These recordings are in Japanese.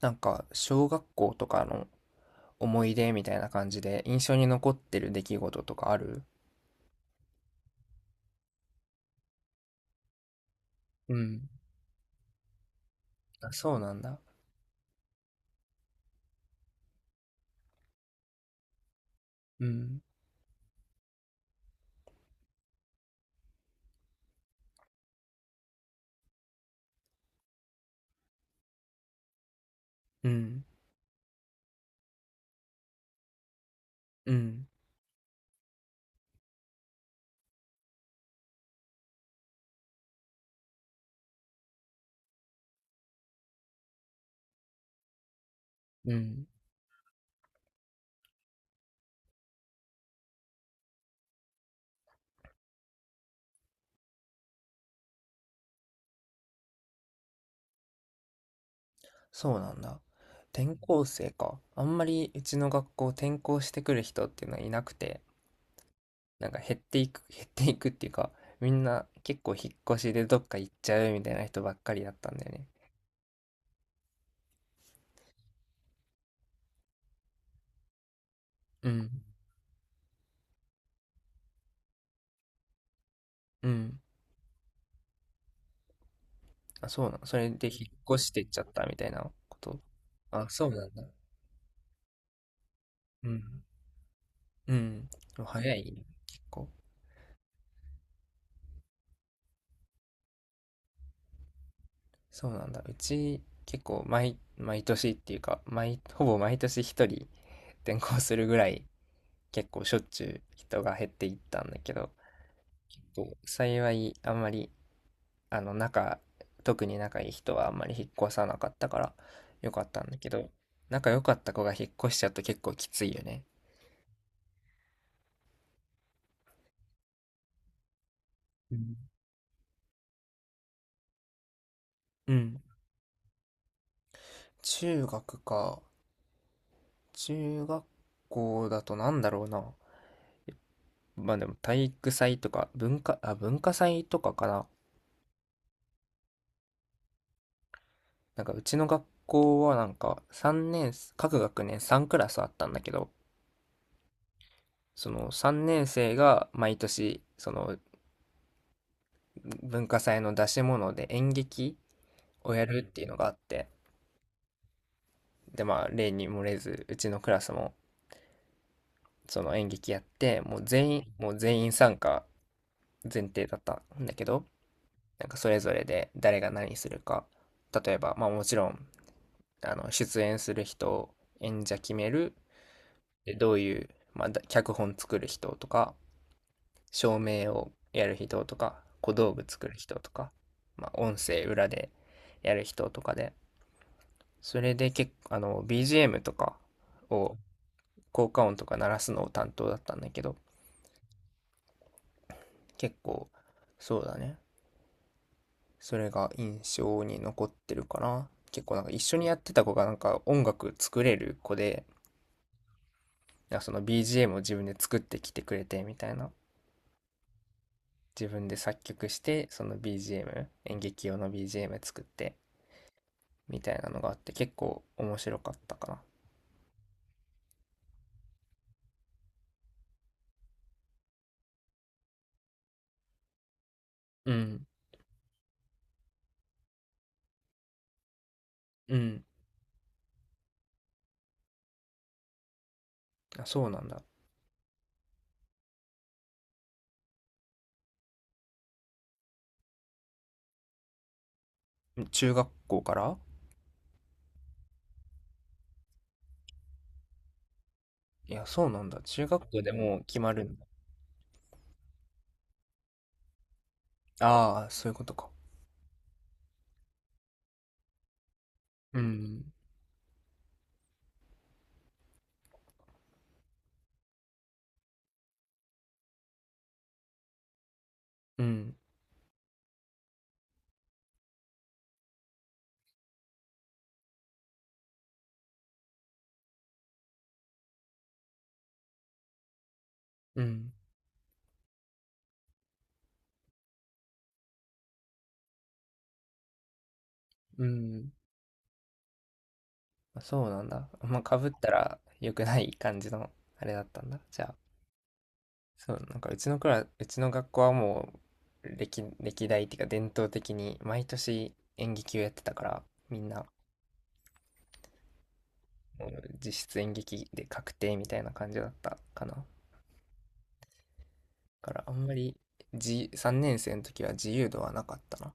なんか小学校とかの思い出みたいな感じで印象に残ってる出来事とかある？うん。あ、そうなんだ。うん、うん、うん、うん。そうなんだ。転校生か。あんまりうちの学校転校してくる人っていうのはいなくて、なんか減っていく、減っていくっていうか、みんな結構引っ越しでどっか行っちゃうみたいな人ばっかりだったんだよね。うん、うん。あ、そうなの。それで引っ越してっちゃったみたいなこと。あ、そうなんだ。うん。うん。早いね、結構。そうなんだ。うち、結構毎年っていうか、ほぼ毎年一人転校するぐらい、結構しょっちゅう人が減っていったんだけど、結構幸い、あんまり、あの、仲、特に仲いい人はあんまり引っ越さなかったから、よかったんだけど、仲良かった子が引っ越しちゃうと結構きついよね。うん。うん、中学か。中学校だとなんだろうな。まあでも体育祭とか文化祭とかかな。なんかうちの学校はなんか3年、各学年3クラスあったんだけど、その3年生が毎年その文化祭の出し物で演劇をやるっていうのがあって、でまあ例に漏れずうちのクラスもその演劇やって、もう全員参加前提だったんだけど、なんかそれぞれで誰が何するか、例えばまあもちろん出演する人、演者決める、で、どういう、まあ、脚本作る人とか、照明をやる人とか、小道具作る人とか、まあ、音声裏でやる人とかで、それで結構、あの、BGM とかを、効果音とか鳴らすのを担当だったんだけど、結構、そうだね。それが印象に残ってるかな。結構なんか一緒にやってた子がなんか音楽作れる子で、なんかその BGM を自分で作ってきてくれてみたいな、自分で作曲してその BGM、 演劇用の BGM 作ってみたいなのがあって結構面白かったかな。うん、うん。あ、そうなんだ、中学校から。いや、そうなんだ、中学校でもう決まるんだ。ああー、そういうことか。うん、うん、うん、うん。そうなんだ、まあかぶったら良くない感じのあれだったんだじゃあ。そう、なんかうちの学校はもう歴代っていうか伝統的に毎年演劇をやってたから、みんなもう実質演劇で確定みたいな感じだったかな。だからあんまり3年生の時は自由度はなかったな。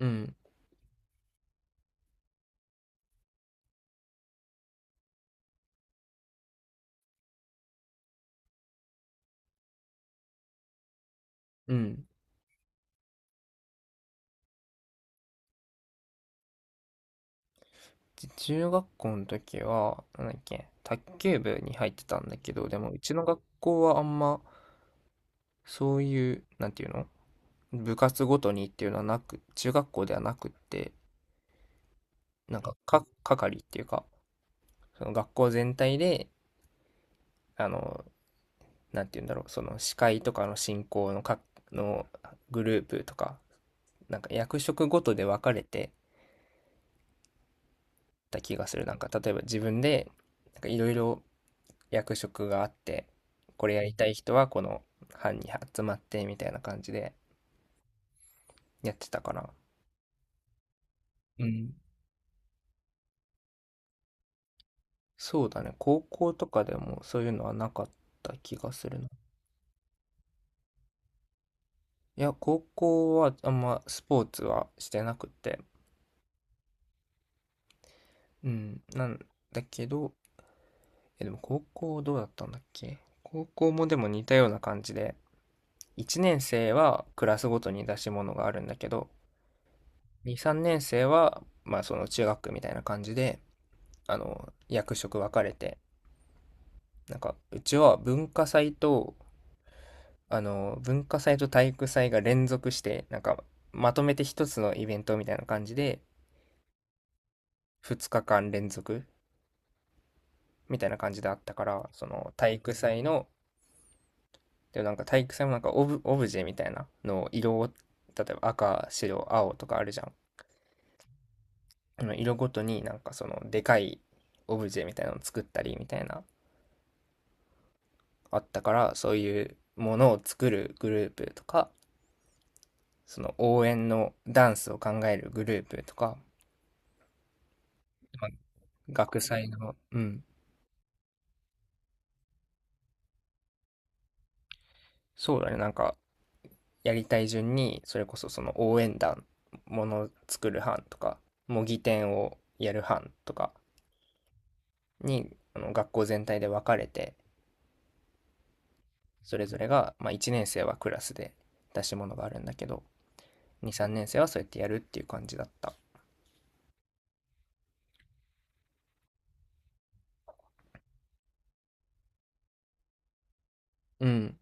うん、うん。中学校の時は、なんだっけ、卓球部に入ってたんだけど、でもうちの学校はあんまそういう、なんていうの、部活ごとにっていうのはなく、中学校ではなくって、係っていうか、その学校全体で、あの、なんて言うんだろう、その司会とかの進行ののグループとか、なんか役職ごとで分かれてた気がする。なんか、例えば自分で、なんかいろいろ役職があって、これやりたい人はこの班に集まってみたいな感じでやってたから。うん。そうだね。高校とかでもそういうのはなかった気がするな。いや、高校はあんまスポーツはしてなくて、うん、なんだけど、でも高校どうだったんだっけ、高校もでも似たような感じで、1年生はクラスごとに出し物があるんだけど、2、3年生は、まあその中学区みたいな感じで、あの、役職分かれて、なんか、うちは文化祭と体育祭が連続して、なんか、まとめて一つのイベントみたいな感じで、2日間連続みたいな感じであったから、その体育祭の、でもなんか体育祭もなんかオブジェみたいなのを色を、例えば赤、白、青とかあるじゃん。あの色ごとになんかそのでかいオブジェみたいなのを作ったりみたいな、あったからそういうものを作るグループとかその応援のダンスを考えるグループとか、まあ学祭の、うん、そうだね、なんかやりたい順にそれこそその応援団、ものを作る班とか模擬店をやる班とかに、あの、学校全体で分かれて、それぞれが、まあ、1年生はクラスで出し物があるんだけど、2、3年生はそうやってやるっていう感じだった。うん、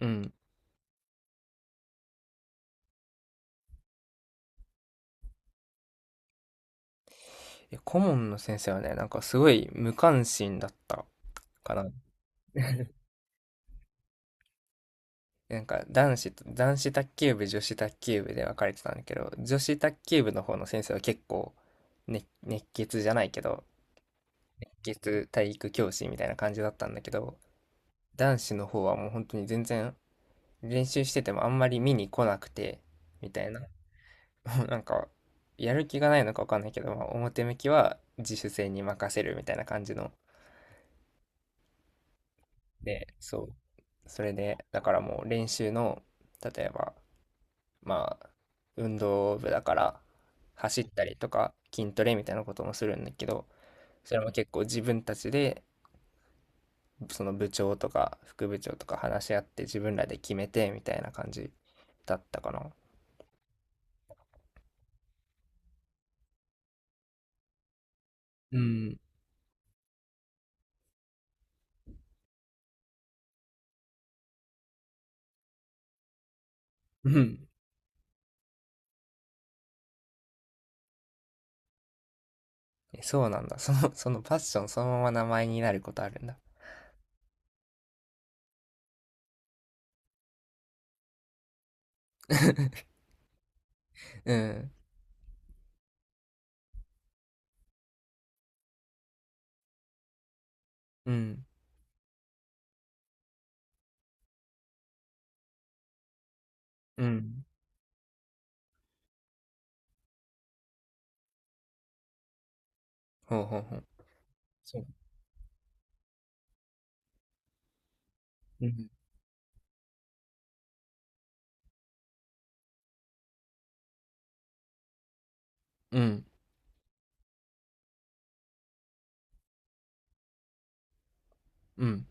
うん。いや、顧問の先生はね、なんかすごい無関心だったかな。 なんか男子卓球部、女子卓球部で分かれてたんだけど、女子卓球部の方の先生は結構、ね、熱血じゃないけど、熱血体育教師みたいな感じだったんだけど、男子の方はもう本当に全然、練習しててもあんまり見に来なくてみたいな。 なんか、やる気がないのかわかんないけど、まあ、表向きは自主性に任せるみたいな感じの。で、そう。それで、だからもう練習の、例えば、まあ、運動部だから、走ったりとか、筋トレみたいなこともするんだけど、それも結構自分たちで、その部長とか副部長とか話し合って自分らで決めてみたいな感じだったかな。うん。うん。そうなんだ。そのパッションそのまま名前になることあるんだ。うん。うん。うん。ほうほうほう。そう。うん。うん。うん。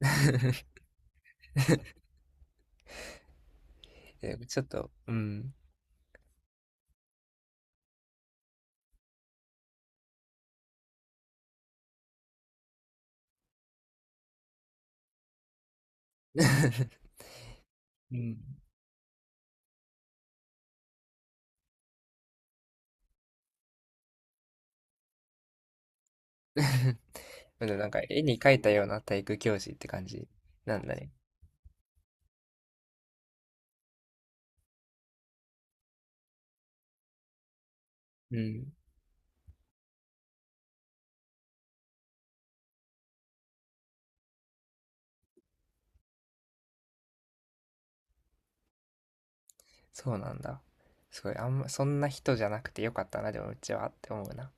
え、ちょっと、うん。うん。まだなんか絵に描いたような体育教師って感じなんだね。うん。そうなんだ。すごい、あんま、そんな人じゃなくてよかったな、でもうちは、って思うな。